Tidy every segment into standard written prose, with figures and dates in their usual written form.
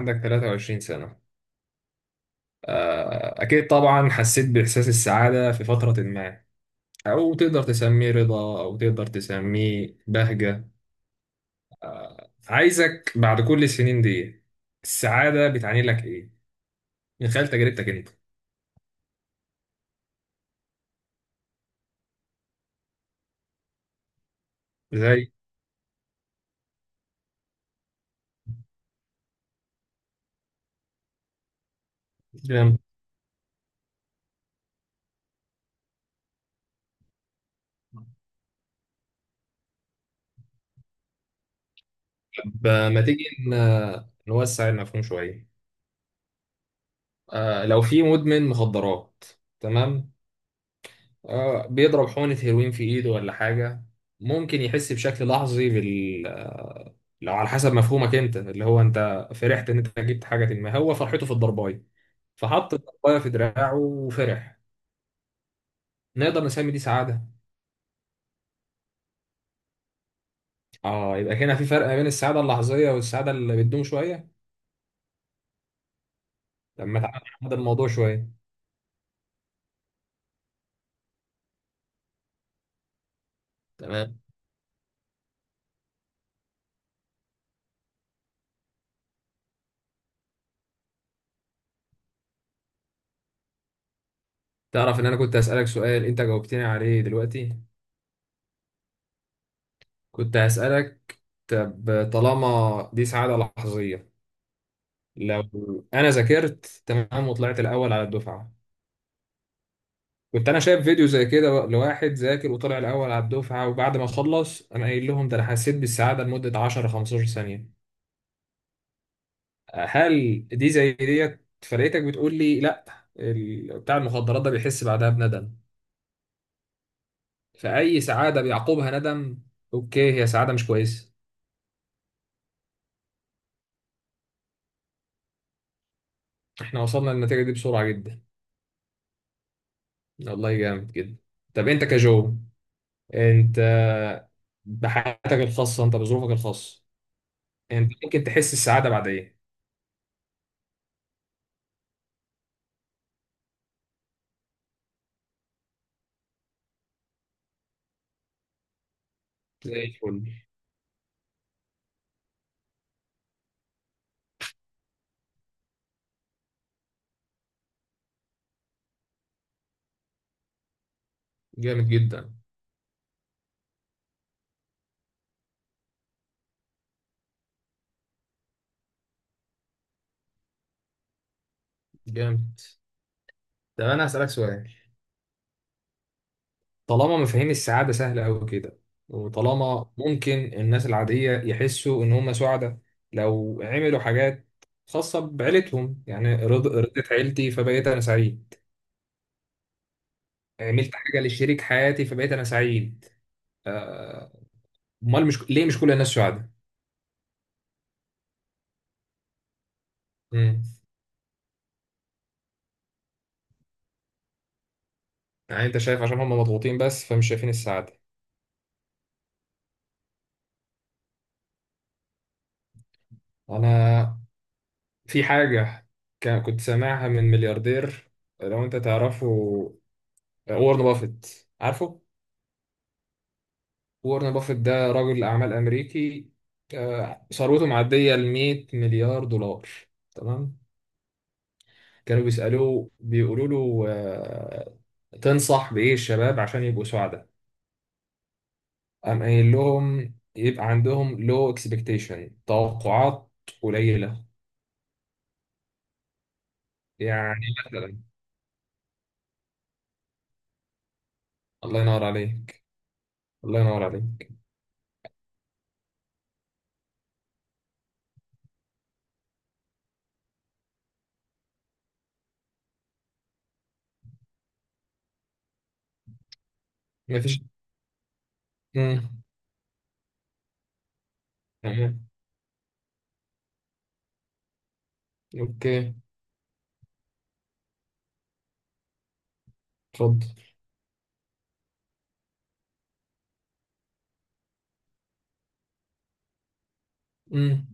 عندك 23 سنة؟ آه، أكيد طبعا حسيت بإحساس السعادة في فترة ما، أو تقدر تسميه رضا أو تقدر تسميه بهجة. عايزك بعد كل السنين دي، السعادة بتعني لك إيه؟ من خلال تجربتك أنت. زي. جيم. طب ما تيجي نوسع المفهوم شوية. لو في مدمن مخدرات، تمام، بيضرب حقنة هيروين في إيده ولا حاجة، ممكن يحس بشكل لحظي بال آه، لو على حسب مفهومك أنت، اللي هو أنت فرحت إن أنت جبت حاجة، ما هو فرحته في الضرباية، فحط الضرباية في دراعه وفرح. نقدر نسمي دي سعادة؟ يبقى هنا في فرق ما بين السعادة اللحظية والسعادة اللي بتدوم شوية. لما تعالى نحدد الموضوع شوية. تمام. تعرف إن أنا كنت هسألك سؤال أنت جاوبتني عليه دلوقتي؟ كنت هسألك، طب طالما دي سعادة لحظية، لو انا ذاكرت تمام وطلعت الاول على الدفعه، كنت انا شايف فيديو زي كده لواحد ذاكر وطلع الاول على الدفعه وبعد ما خلص انا قايل لهم، ده انا حسيت بالسعاده لمده 10-15 ثانيه، هل دي زي ديت؟ فرقتك بتقول لي لا. بتاع المخدرات ده بيحس بعدها بندم، فاي سعاده بيعقبها ندم، اوكي هي سعاده مش كويسه. احنا وصلنا للنتيجه دي بسرعه جدا. والله جامد جدا. طب انت كجو، انت بحياتك الخاصه، انت بظروفك الخاصه، يعني انت ممكن تحس السعادة بعد ايه؟ زي الفل. جامد جدا. جامد. طب انا هسألك سؤال. طالما مفاهيم السعادة سهلة قوي كده، وطالما ممكن الناس العادية يحسوا ان هم سعداء لو عملوا حاجات خاصة بعيلتهم، يعني رضيت عيلتي فبقيت انا سعيد، عملت حاجة لشريك حياتي فبقيت انا سعيد، آه، امال مش ليه، مش كل الناس سعداء؟ مم. يعني انت شايف عشان هم مضغوطين بس فمش شايفين السعادة. انا، في حاجة كنت سامعها من ملياردير، لو انت تعرفه، وارن بافيت، عارفه؟ وارن بافيت ده رجل أعمال أمريكي، ثروته معدية ال 100 مليار دولار، تمام؟ كانوا بيسألوه، بيقولوا له تنصح بإيه الشباب عشان يبقوا سعداء؟ قام قايل لهم، يبقى عندهم لو اكسبكتيشن، توقعات قليلة. يعني مثلا. الله ينور عليك. الله ينور عليك. مفيش. مم. اوكي. اتفضل. امم.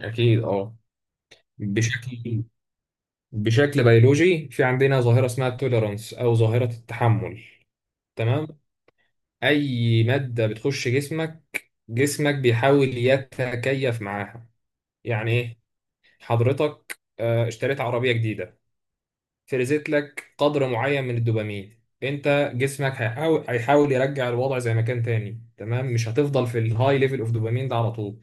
اكيد اه. بشكل بشكل بيولوجي في عندنا ظاهره اسمها التوليرانس، او ظاهره التحمل. تمام. اي ماده بتخش جسمك بيحاول يتكيف معاها. يعني ايه؟ حضرتك اشتريت عربيه جديده، فرزت لك قدر معين من الدوبامين. انت جسمك هيحاول يرجع الوضع زي ما كان تاني، تمام، مش هتفضل في الهاي ليفل اوف دوبامين ده على طول،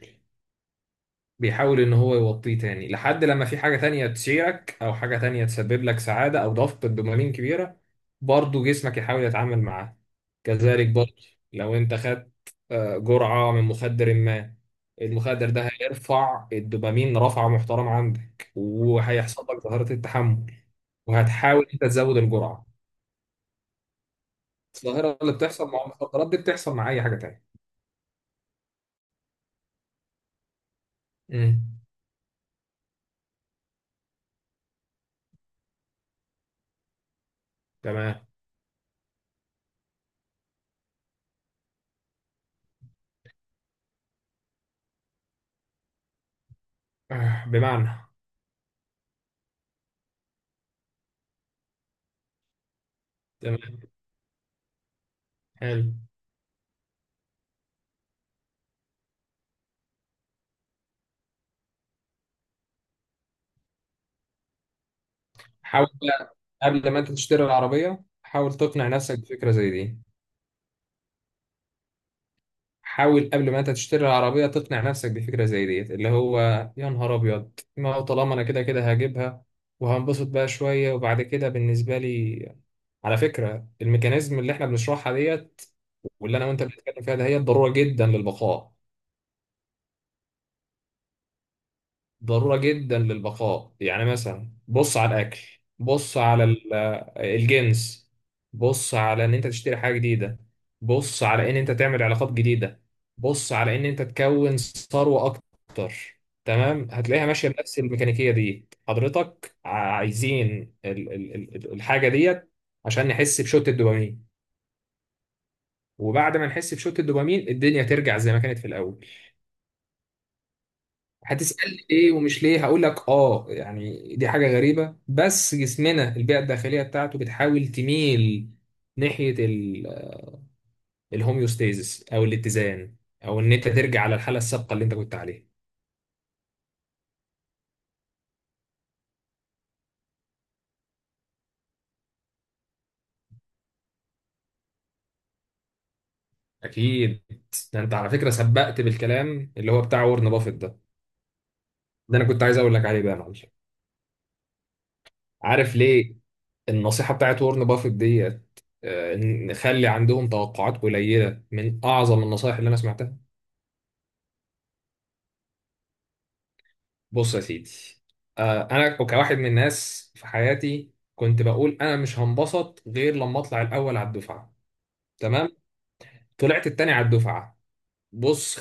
بيحاول ان هو يوطيه تاني لحد لما في حاجة تانية تشيرك او حاجة تانية تسبب لك سعادة او ضغط دوبامين كبيرة، برضه جسمك يحاول يتعامل معاه. كذلك برضه، لو انت خدت جرعة من مخدر ما، المخدر ده هيرفع الدوبامين رفعة محترمة عندك وهيحصل لك ظاهرة التحمل، وهتحاول انت تزود الجرعة. الظاهرة اللي بتحصل مع المخدرات دي بتحصل مع اي حاجة تانية. امم. تمام. بمعنى، تمام، حلو. حاول بقى، قبل ما انت تشتري العربية حاول تقنع نفسك بفكرة زي دي، حاول قبل ما انت تشتري العربية تقنع نفسك بفكرة زي دي، اللي هو يا نهار ابيض ما هو طالما انا كده كده هجيبها وهنبسط بقى شوية وبعد كده بالنسبة لي. على فكرة، الميكانيزم اللي احنا بنشرحها ديت، واللي انا وانت بنتكلم فيها ده، هي الضرورة جدا للبقاء. ضرورة جدا للبقاء، يعني مثلا بص على الأكل، بص على الجنس، بص على إن أنت تشتري حاجة جديدة، بص على إن أنت تعمل علاقات جديدة، بص على إن أنت تكون ثروة أكتر. تمام، هتلاقيها ماشية بنفس الميكانيكية دي. حضرتك عايزين الحاجة ديت عشان نحس بشوت الدوبامين، وبعد ما نحس بشوت الدوبامين الدنيا ترجع زي ما كانت في الأول. هتسألني ليه ومش ليه، هقول لك اه يعني دي حاجة غريبة، بس جسمنا البيئة الداخلية بتاعته بتحاول تميل ناحية الهوميوستيزس او الاتزان، او ان انت ترجع على الحالة السابقة اللي انت كنت عليها. اكيد. ده انت على فكرة سبقت بالكلام اللي هو بتاع وورن بافيت ده، ده انا كنت عايز اقول لك عليه بقى يا معلم. عارف ليه؟ النصيحة بتاعت وورن بافيت ديت، نخلي عندهم توقعات قليلة، من اعظم النصائح اللي انا سمعتها. بص يا سيدي، انا كواحد من الناس في حياتي كنت بقول انا مش هنبسط غير لما اطلع الاول على الدفعه. تمام؟ طلعت التاني على الدفعه. بص،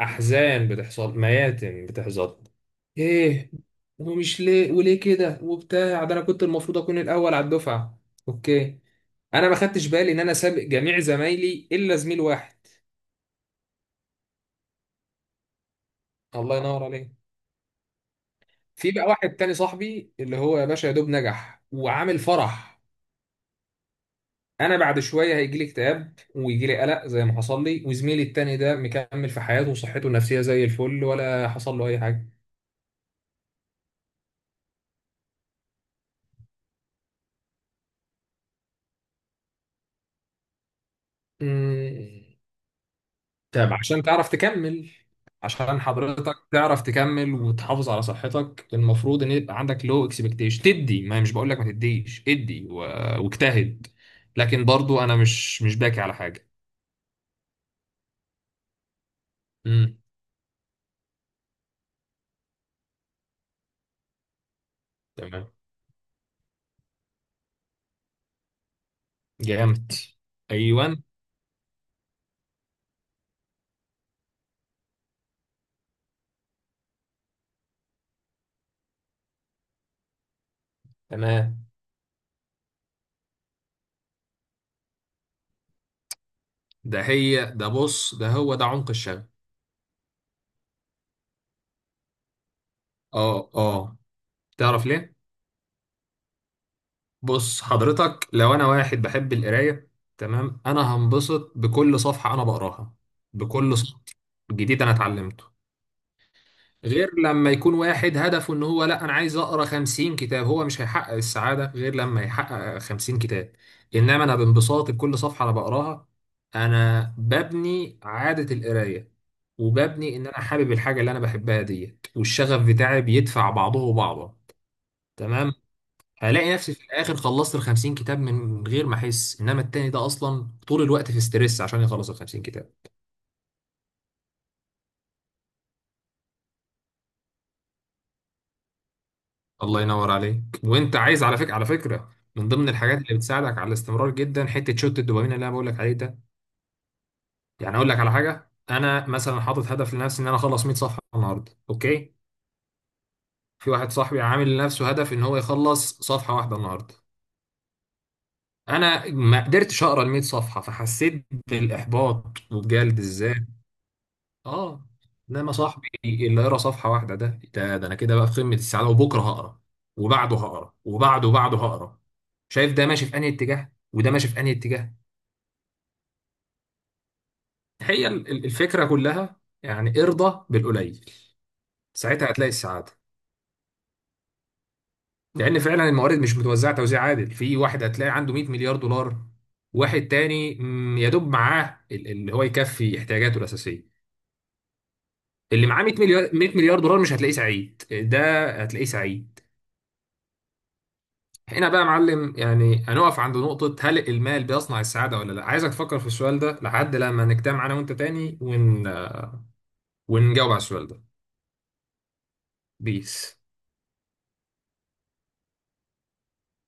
احزان بتحصل، مياتم بتحصل، ايه ومش ليه وليه كده وبتاع، ده انا كنت المفروض اكون الاول على الدفعه. اوكي. انا ما خدتش بالي ان انا سابق جميع زمايلي الا زميل واحد. الله ينور عليك. في بقى واحد تاني صاحبي اللي هو يا باشا يا دوب نجح وعامل فرح، انا بعد شويه هيجي لي اكتئاب ويجي لي قلق زي ما حصل لي، وزميلي التاني ده مكمل في حياته وصحته النفسيه زي الفل ولا حصل له اي حاجه. أمم، طب عشان تعرف تكمل، عشان حضرتك تعرف تكمل وتحافظ على صحتك، المفروض ان يبقى عندك لو اكسبكتيشن تدي، ما مش بقول لك ما تديش، ادي واجتهد، لكن برضو انا مش باكي على حاجه. امم. تمام. جامد. ايوه. تمام. ده هي ده، بص، ده هو ده عمق الشغف. اه اه. تعرف ليه؟ بص حضرتك، لو انا واحد بحب القرايه، تمام، انا هنبسط بكل صفحه انا بقراها، بكل سطر جديد انا اتعلمته، غير لما يكون واحد هدفه ان هو، لا انا عايز اقرا 50 كتاب، هو مش هيحقق السعاده غير لما يحقق 50 كتاب، انما انا بانبساط بكل صفحه انا بقراها، انا ببني عاده القرايه، وببني ان انا حابب الحاجه اللي انا بحبها ديت، والشغف بتاعي بيدفع بعضه بعضا. تمام، هلاقي نفسي في الاخر خلصت ال 50 كتاب من غير ما احس، انما التاني ده اصلا طول الوقت في ستريس عشان يخلص ال 50 كتاب. الله ينور عليك. وانت عايز على فكره، من ضمن الحاجات اللي بتساعدك على الاستمرار جدا حته شوت الدوبامين اللي انا بقول لك عليه ده. يعني اقول لك على حاجه، انا مثلا حاطط هدف لنفسي ان انا اخلص 100 صفحه النهارده، اوكي، في واحد صاحبي عامل لنفسه هدف ان هو يخلص صفحه واحده النهارده، انا ما قدرتش اقرا ال 100 صفحه فحسيت بالاحباط وبجلد الذات، اه، انما صاحبي اللي يقرا صفحه واحده ده انا كده بقى في قمه السعاده، وبكره هقرا وبعده هقرا وبعده وبعده هقرا. شايف ده ماشي في انهي اتجاه وده ماشي في انهي اتجاه؟ هي الفكره كلها يعني ارضى بالقليل، ساعتها هتلاقي السعاده، لان فعلا الموارد مش متوزعه توزيع عادل، في واحد هتلاقي عنده 100 مليار دولار، واحد تاني يا دوب معاه اللي هو يكفي احتياجاته الاساسيه. اللي معاه 100 مليار، 100 مليار دولار مش هتلاقيه سعيد، ده هتلاقيه سعيد. هنا بقى يا معلم يعني هنقف عند نقطة، هل المال بيصنع السعادة ولا لا؟ عايزك تفكر في السؤال ده لحد لما نجتمع أنا وأنت تاني ونجاوب على السؤال ده. بيس.